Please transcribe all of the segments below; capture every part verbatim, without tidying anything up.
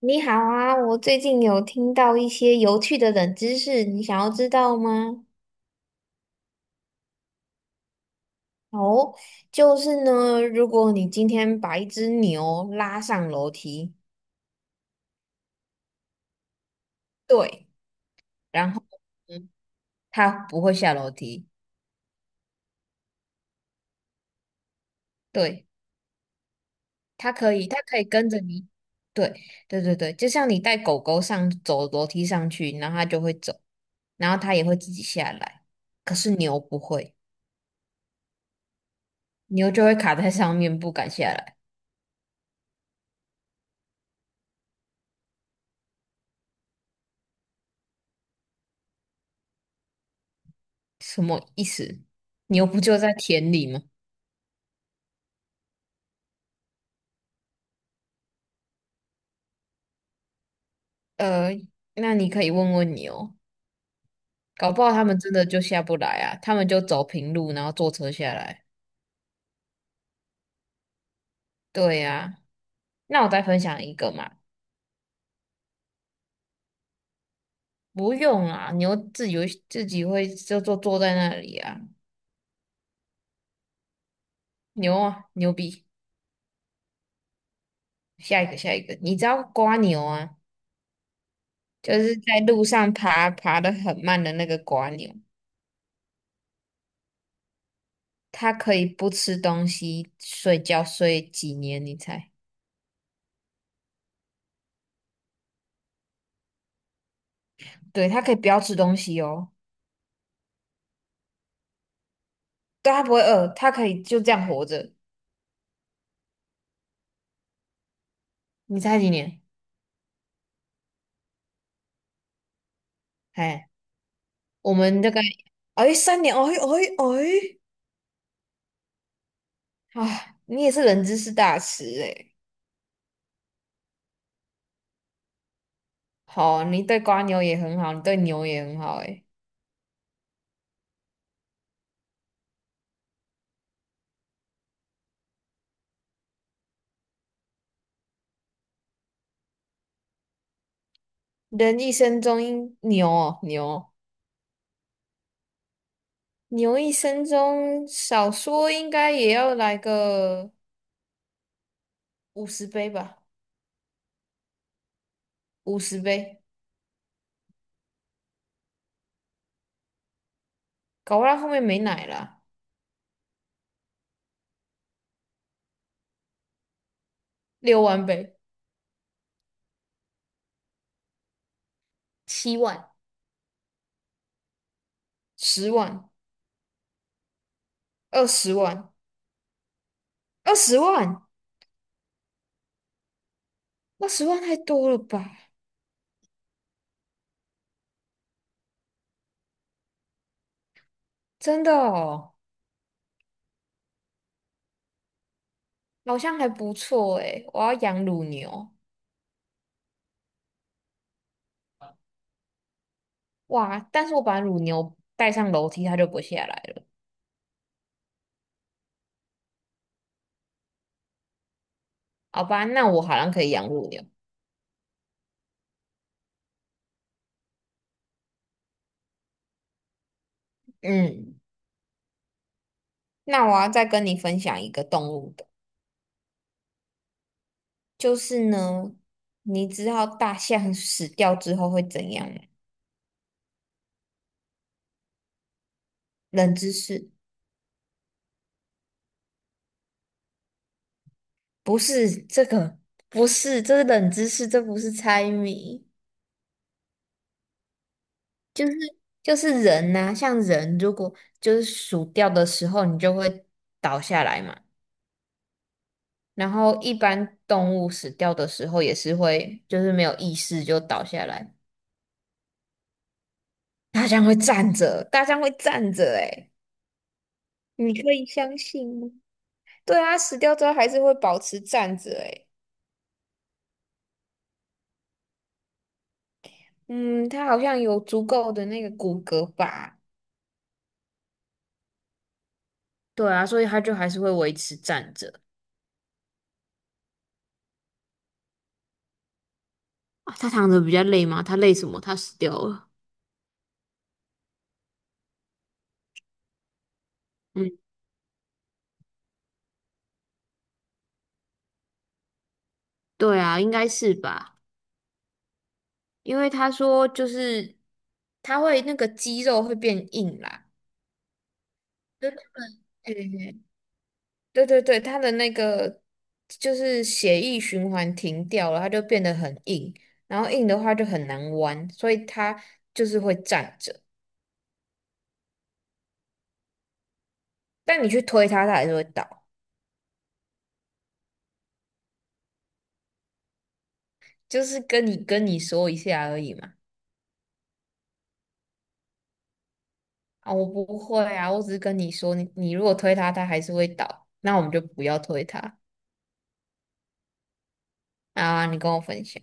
你好啊，我最近有听到一些有趣的冷知识，你想要知道吗？哦，就是呢，如果你今天把一只牛拉上楼梯，对，然后嗯，它不会下楼梯，对，它可以，它可以跟着你，对，对对对，就像你带狗狗上走楼梯上去，然后它就会走，然后它也会自己下来，可是牛不会，牛就会卡在上面不敢下来。什么意思？牛不就在田里吗？呃，那你可以问问牛，搞不好他们真的就下不来啊，他们就走平路，然后坐车下来。对呀、那我再分享一个嘛，不用啊，牛自己会自己会就坐坐在那里啊，牛啊，牛逼！下一个，下一个，你知道瓜牛啊，就是在路上爬爬得很慢的那个瓜牛，它可以不吃东西睡觉睡几年？你猜？对，它可以不要吃东西哦。对，他不会饿，他可以就这样活着。你猜几年？哎，我们大概哎三年，哎哎哎，啊，你也是人知识大师哎。好，你对瓜牛也很好，你对牛也很好哎。人一生中应牛哦牛牛一生中少说应该也要来个五十杯吧，五十杯，搞不到后面没奶了，六万杯、七万，十万、二十万、二十万。二十万太多了吧？真的哦，好像还不错诶。我要养乳牛，哇！但是我把乳牛带上楼梯，它就不下来了。好吧，那我好像可以养乳牛。嗯，那我要再跟你分享一个动物的，就是呢，你知道大象死掉之后会怎样吗？冷知识，不是这个，不是，这是冷知识，这不是猜谜。就是就是人呐、像人如果就是死掉的时候，你就会倒下来嘛。然后一般动物死掉的时候也是会，就是没有意识就倒下来。大象会站着，大象会站着、欸，诶你可以相信吗？对啊，死掉之后还是会保持站着、欸，诶嗯，它好像有足够的那个骨骼吧？对啊，所以它就还是会维持站着。啊，它躺着比较累吗？它累什么？它死掉了。嗯，对啊，应该是吧。因为他说就是他会那个肌肉会变硬啦，对对对对对，他的那个就是血液循环停掉了，他就变得很硬，然后硬的话就很难弯，所以他就是会站着，但你去推他，他还是会倒，就是跟你跟你说一下而已嘛。啊，我不会啊，我只是跟你说，你你如果推他，他还是会倒，那我们就不要推他啊。你跟我分享，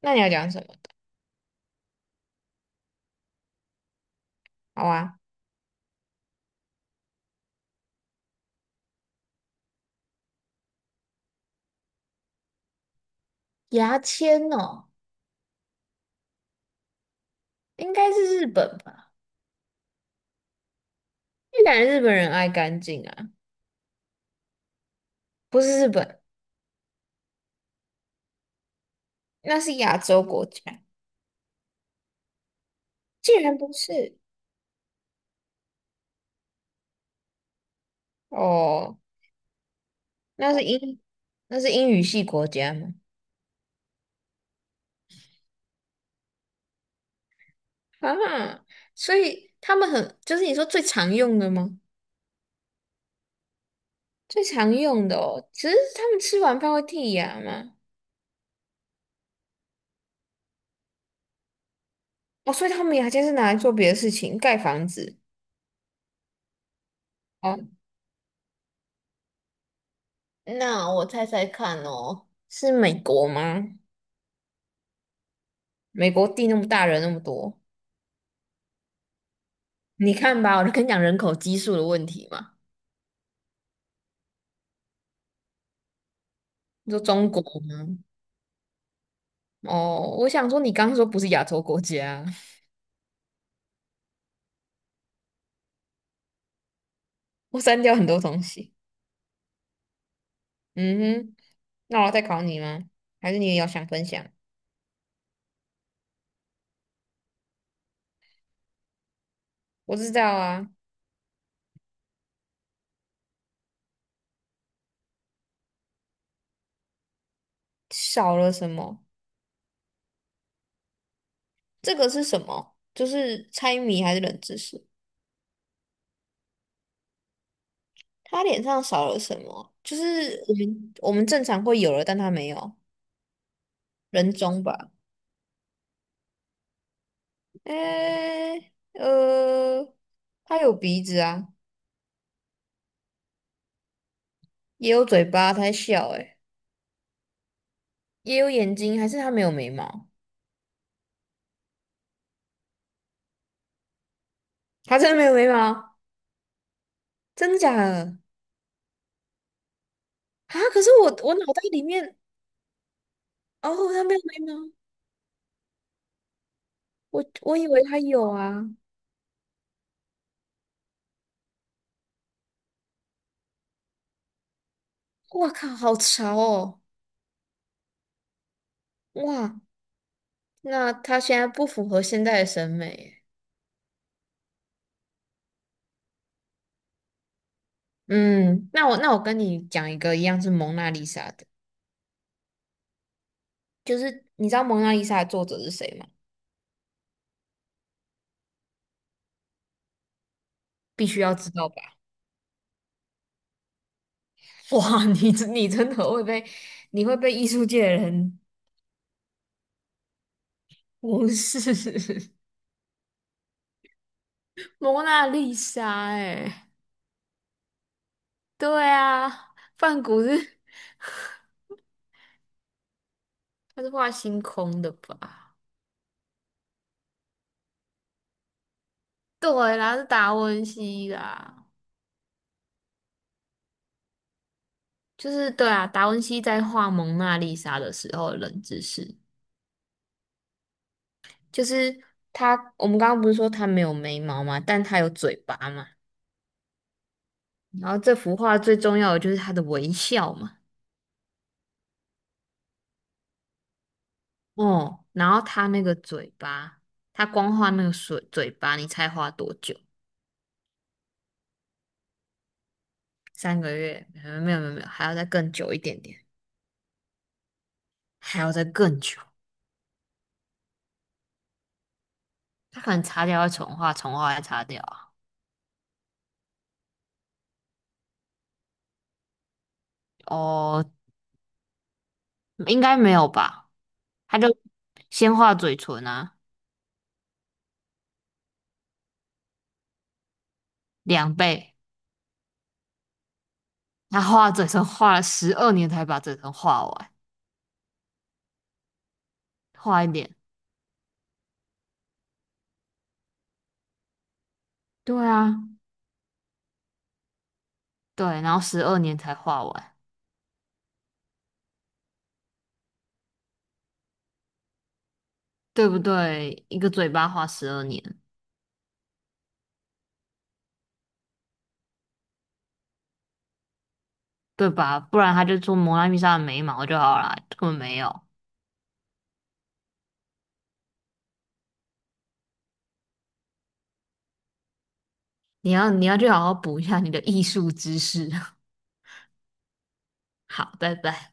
那你要讲什么的？好啊，牙签哦。应该是日本吧？越南日本人爱干净啊，不是日本，那是亚洲国家，竟然不是哦，那是英，那是英语系国家吗？啊，所以他们很，就是你说最常用的吗？最常用的哦，只是他们吃完饭会剔牙吗？哦，所以他们牙尖是拿来做别的事情，盖房子。哦，那我猜猜看哦，是美国吗？美国地那么大，人那么多。你看吧，我就跟你讲人口基数的问题嘛。你说中国吗？哦，我想说你刚刚说不是亚洲国家，我删掉很多东西。嗯哼，那我要再考你吗？还是你也要想分享？我知道啊，少了什么？这个是什么？就是猜谜还是冷知识？他脸上少了什么？就是我们我们正常会有的，但他没有人中吧？诶，呃，他有鼻子啊，也有嘴巴，他在笑、欸，也有眼睛，还是他没有眉毛？他真的没有眉毛？真的假的？啊！可是我我脑袋里面，哦，他没有眉毛，我我以为他有啊！哇靠，好潮哦！哇，那他现在不符合现代的审美耶嗯，那我那我跟你讲一个一样是蒙娜丽莎的，就是你知道蒙娜丽莎的作者是谁吗？必须要知道吧？哇，你真你真的会被你会被艺术界的人无视 蒙娜丽莎哎、对啊，梵谷是他是画星空的吧？对啦，是达文西啦，就是对啊，达文西在画蒙娜丽莎的时候的冷知识，就是他，我们刚刚不是说他没有眉毛嘛，但他有嘴巴嘛，然后这幅画最重要的就是他的微笑嘛，哦，然后他那个嘴巴，他光画那个水嘴巴，你猜画多久？三个月？没有没有没有，还要再更久一点点，还要再更久。他可能擦掉会重画，重画再擦掉啊。哦，应该没有吧？他就先画嘴唇啊，两倍。他画嘴唇画了十二年才把嘴唇画完，画一点。对啊，对，然后十二年才画完，对不对？一个嘴巴画十二年，对吧？不然他就做蒙娜丽莎的眉毛就好了，根本没有。你要你要去好好补一下你的艺术知识。好，拜拜。